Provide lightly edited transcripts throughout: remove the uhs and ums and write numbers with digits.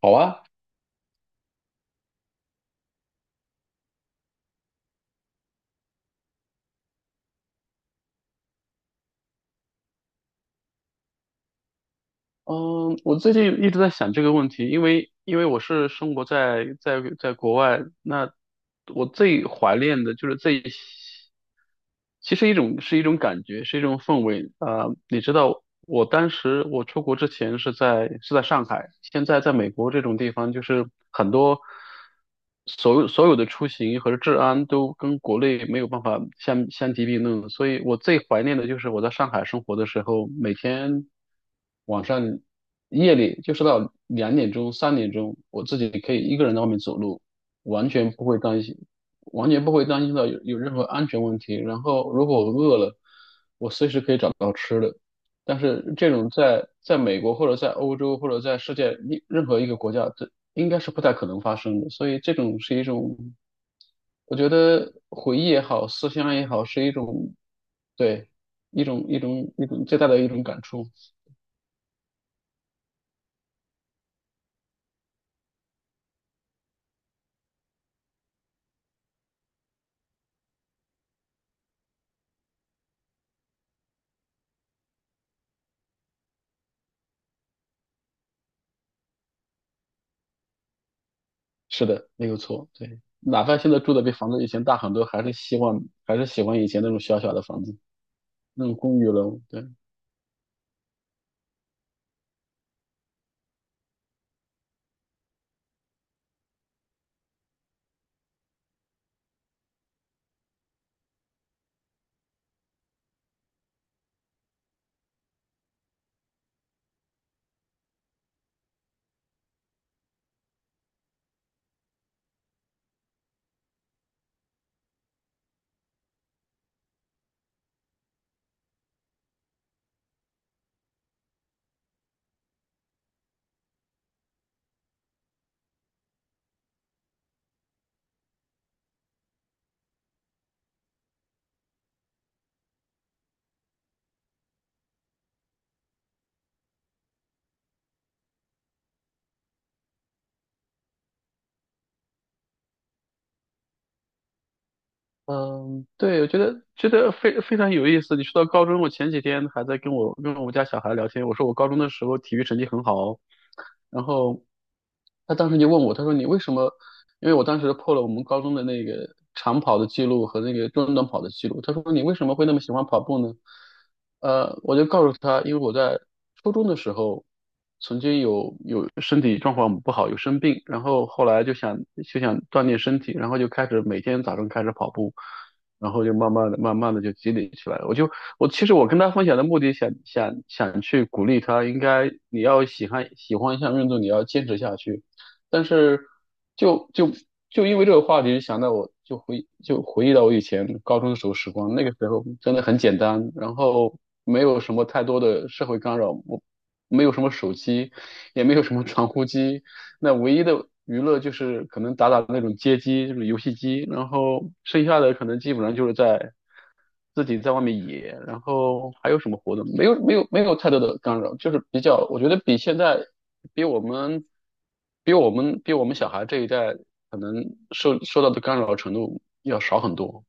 好啊，嗯，我最近一直在想这个问题，因为我是生活在国外，那我最怀念的就是最其实一种是一种感觉，是一种氛围啊、你知道，我当时我出国之前是在上海，现在在美国这种地方，就是很多所有的出行和治安都跟国内没有办法相提并论。所以我最怀念的就是我在上海生活的时候，每天晚上夜里就是到两点钟、三点钟，我自己可以一个人在外面走路，完全不会担心，完全不会担心到有任何安全问题。然后如果我饿了，找吃的。但是这种在美国或者在欧洲或者在世界一任何一个国家，这应该是不太可能发生的。所以这种是一种，我觉得回忆也好，思乡也好，是一种，对，一种最大的一种感触。是的，没有错。对，哪怕现在住的比房子以前大很多，还是希望还是喜欢以前那种小小的房子，那种公寓楼。对。嗯，对，我觉得非常有意思。你说到高中，我前几天还在跟我家小孩聊天，我说我高中的时候体育成绩很好，然后他当时就问我，他说你为什么？因为我当时破了我们高中的那个长跑的记录和那个中短跑的记录，他说你为什么会那么喜欢跑步呢？我就告诉他，因为我在初中的时候曾经有身体状况不好，有生病，然后后来就想锻炼身体，然后就开始每天早上开始跑步，然后就慢慢的、慢慢的就积累起来了。我其实我跟他分享的目的想，想去鼓励他，应该你要喜欢一项运动，你要坚持下去。但是就就就因为这个话题，想到我就回忆到我以前高中的时候时光，那个时候真的很简单，然后没有什么太多的社会干扰，我没有什么手机，也没有什么传呼机，那唯一的娱乐就是可能打打那种街机，就是游戏机，然后剩下的可能基本上就是在自己在外面野，然后还有什么活动？没有，没有，没有太多的干扰，就是比较，我觉得比现在，比我们，比我们小孩这一代可能受到的干扰程度要少很多。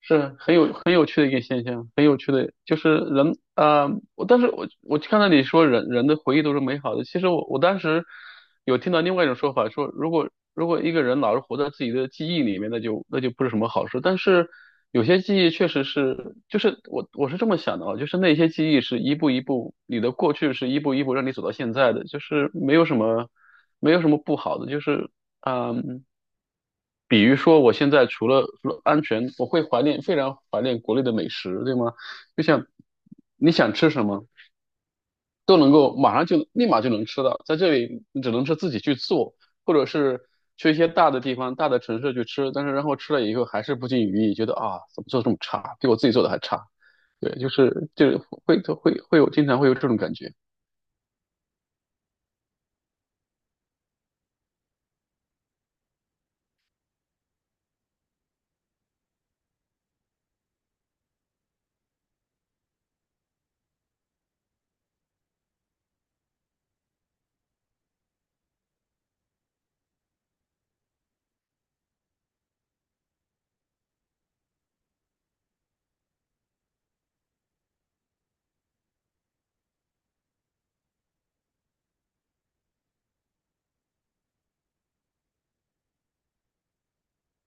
是很有趣的一个现象，很有趣的，就是人啊、我但是我看到你说人的回忆都是美好的，其实我当时有听到另外一种说法，说如果一个人老是活在自己的记忆里面，那就不是什么好事。但是有些记忆确实是，就是我是这么想的啊，就是那些记忆是一步一步，你的过去是一步一步让你走到现在的，就是没有什么没有什么不好的，就是嗯。比如说，我现在除了安全，我会怀念，非常怀念国内的美食，对吗？就像你想吃什么，都能够马上就立马就能吃到，在这里你只能是自己去做，或者是去一些大的地方、大的城市去吃，但是然后吃了以后还是不尽如意，觉得啊，怎么做这么差，比我自己做的还差。对，就是会有经常会有这种感觉，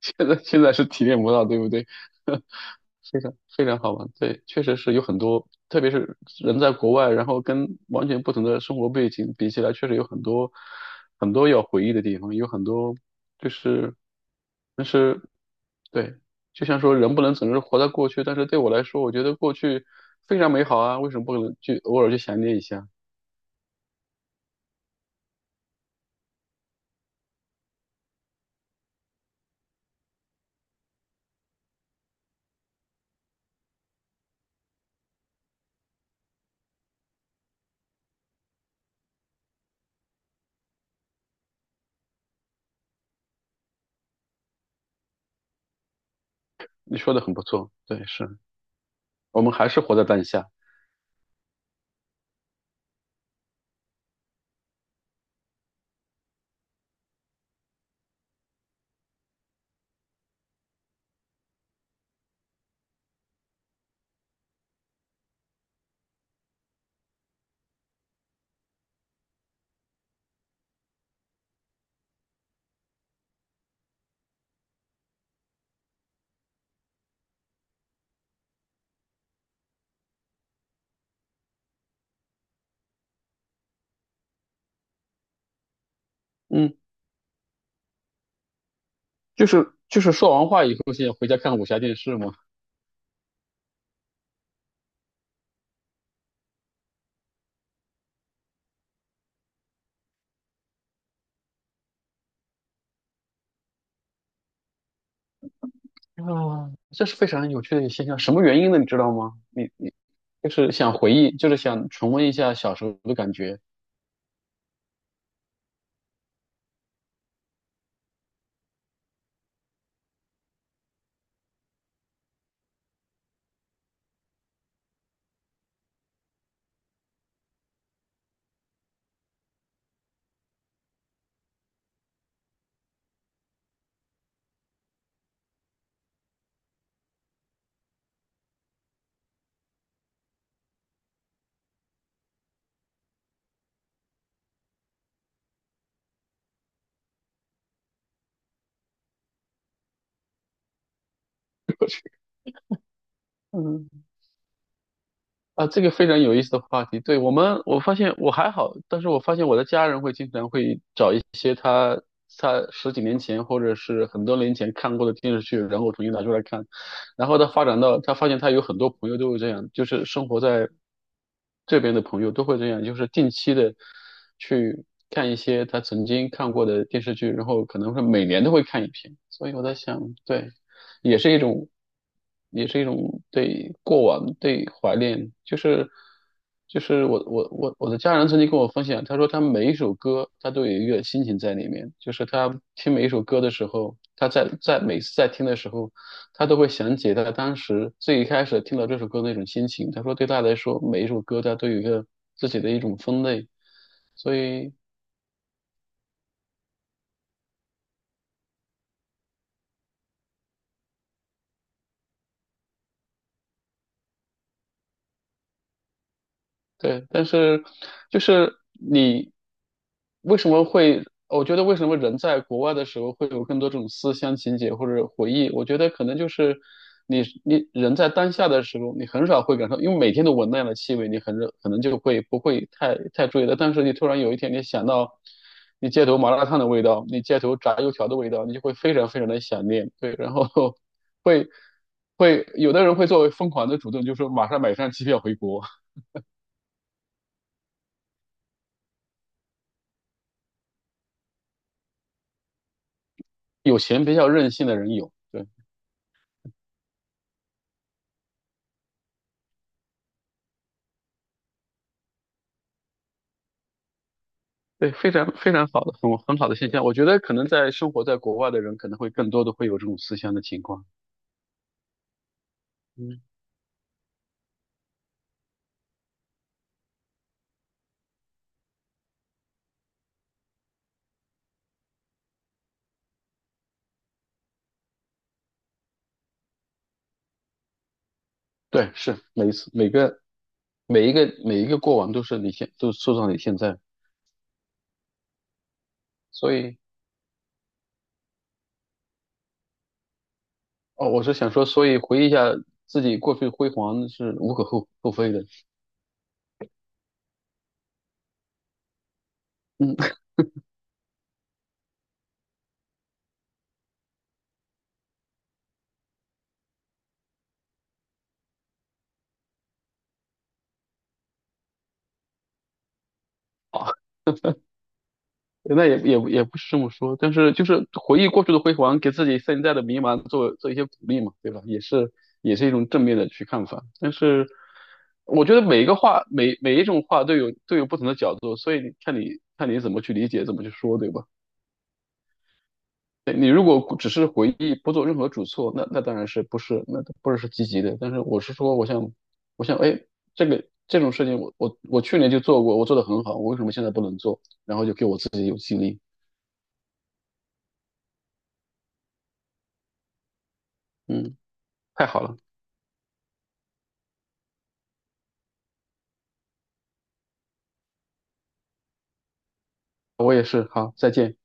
现在是体验不到，对不对？非常非常好玩，对，确实是有很多，特别是人在国外，然后跟完全不同的生活背景比起来，确实有很多很多要回忆的地方，有很多就是，但是对，就像说人不能总是活在过去，但是对我来说，我觉得过去非常美好啊，为什么不能去偶尔去想念一下？你说的很不错，对，是我们还是活在当下，嗯，就是说完话以后，现在回家看武侠电视嘛。啊，这是非常有趣的一个现象。什么原因呢？你知道吗？你就是想回忆，就是想重温一下小时候的感觉。嗯，啊，这个非常有意思的话题。对，我们，我发现我还好，但是我发现我的家人会经常会找一些他十几年前或者是很多年前看过的电视剧，然后重新拿出来看。然后他发展到，他发现他有很多朋友都会这样，就是生活在这边的朋友都会这样，就是定期的去看一些他曾经看过的电视剧，然后可能会每年都会看一篇。所以我在想，对。也是一种，也是一种对过往对怀念，就是我的家人曾经跟我分享，他说他每一首歌他都有一个心情在里面，就是他听每一首歌的时候，他每次在听的时候，他都会想起他当时最一开始听到这首歌的那种心情。他说对他来说，每一首歌他都有一个自己的一种分类，所以。对，但是就是你为什么会？我觉得为什么人在国外的时候会有更多这种思乡情结或者回忆？我觉得可能就是你人在当下的时候，你很少会感受，因为每天都闻那样的气味，你很可能就会不会太注意了。但是你突然有一天，你想到你街头麻辣烫的味道，你街头炸油条的味道，你就会非常非常的想念。对，然后 会会有的人会作为疯狂的主动，就说马上买张机票回国。有钱比较任性的人有，对对，非常非常好的，很好的现象。我觉得可能在生活在国外的人，可能会更多的会有这种思乡的情况。嗯，对，是每一个过往都是都塑造你现在，所以哦，我是想说，所以回忆一下自己过去辉煌是无可厚非的。嗯。好。那也不是这么说，但是就是回忆过去的辉煌，给自己现在的迷茫做一些鼓励嘛，对吧？也是也是一种正面的去看法。但是我觉得每一种话都都有不同的角度，所以你看你看你怎么去理解，怎么去说，对吧？对你如果只是回忆，不做任何主措，那那当然是不是是积极的。但是我是说，我想，哎，这个这种事情我去年就做过，我做的很好，我为什么现在不能做？然后就给我自己有激励，嗯，太好了。我也是，好，再见。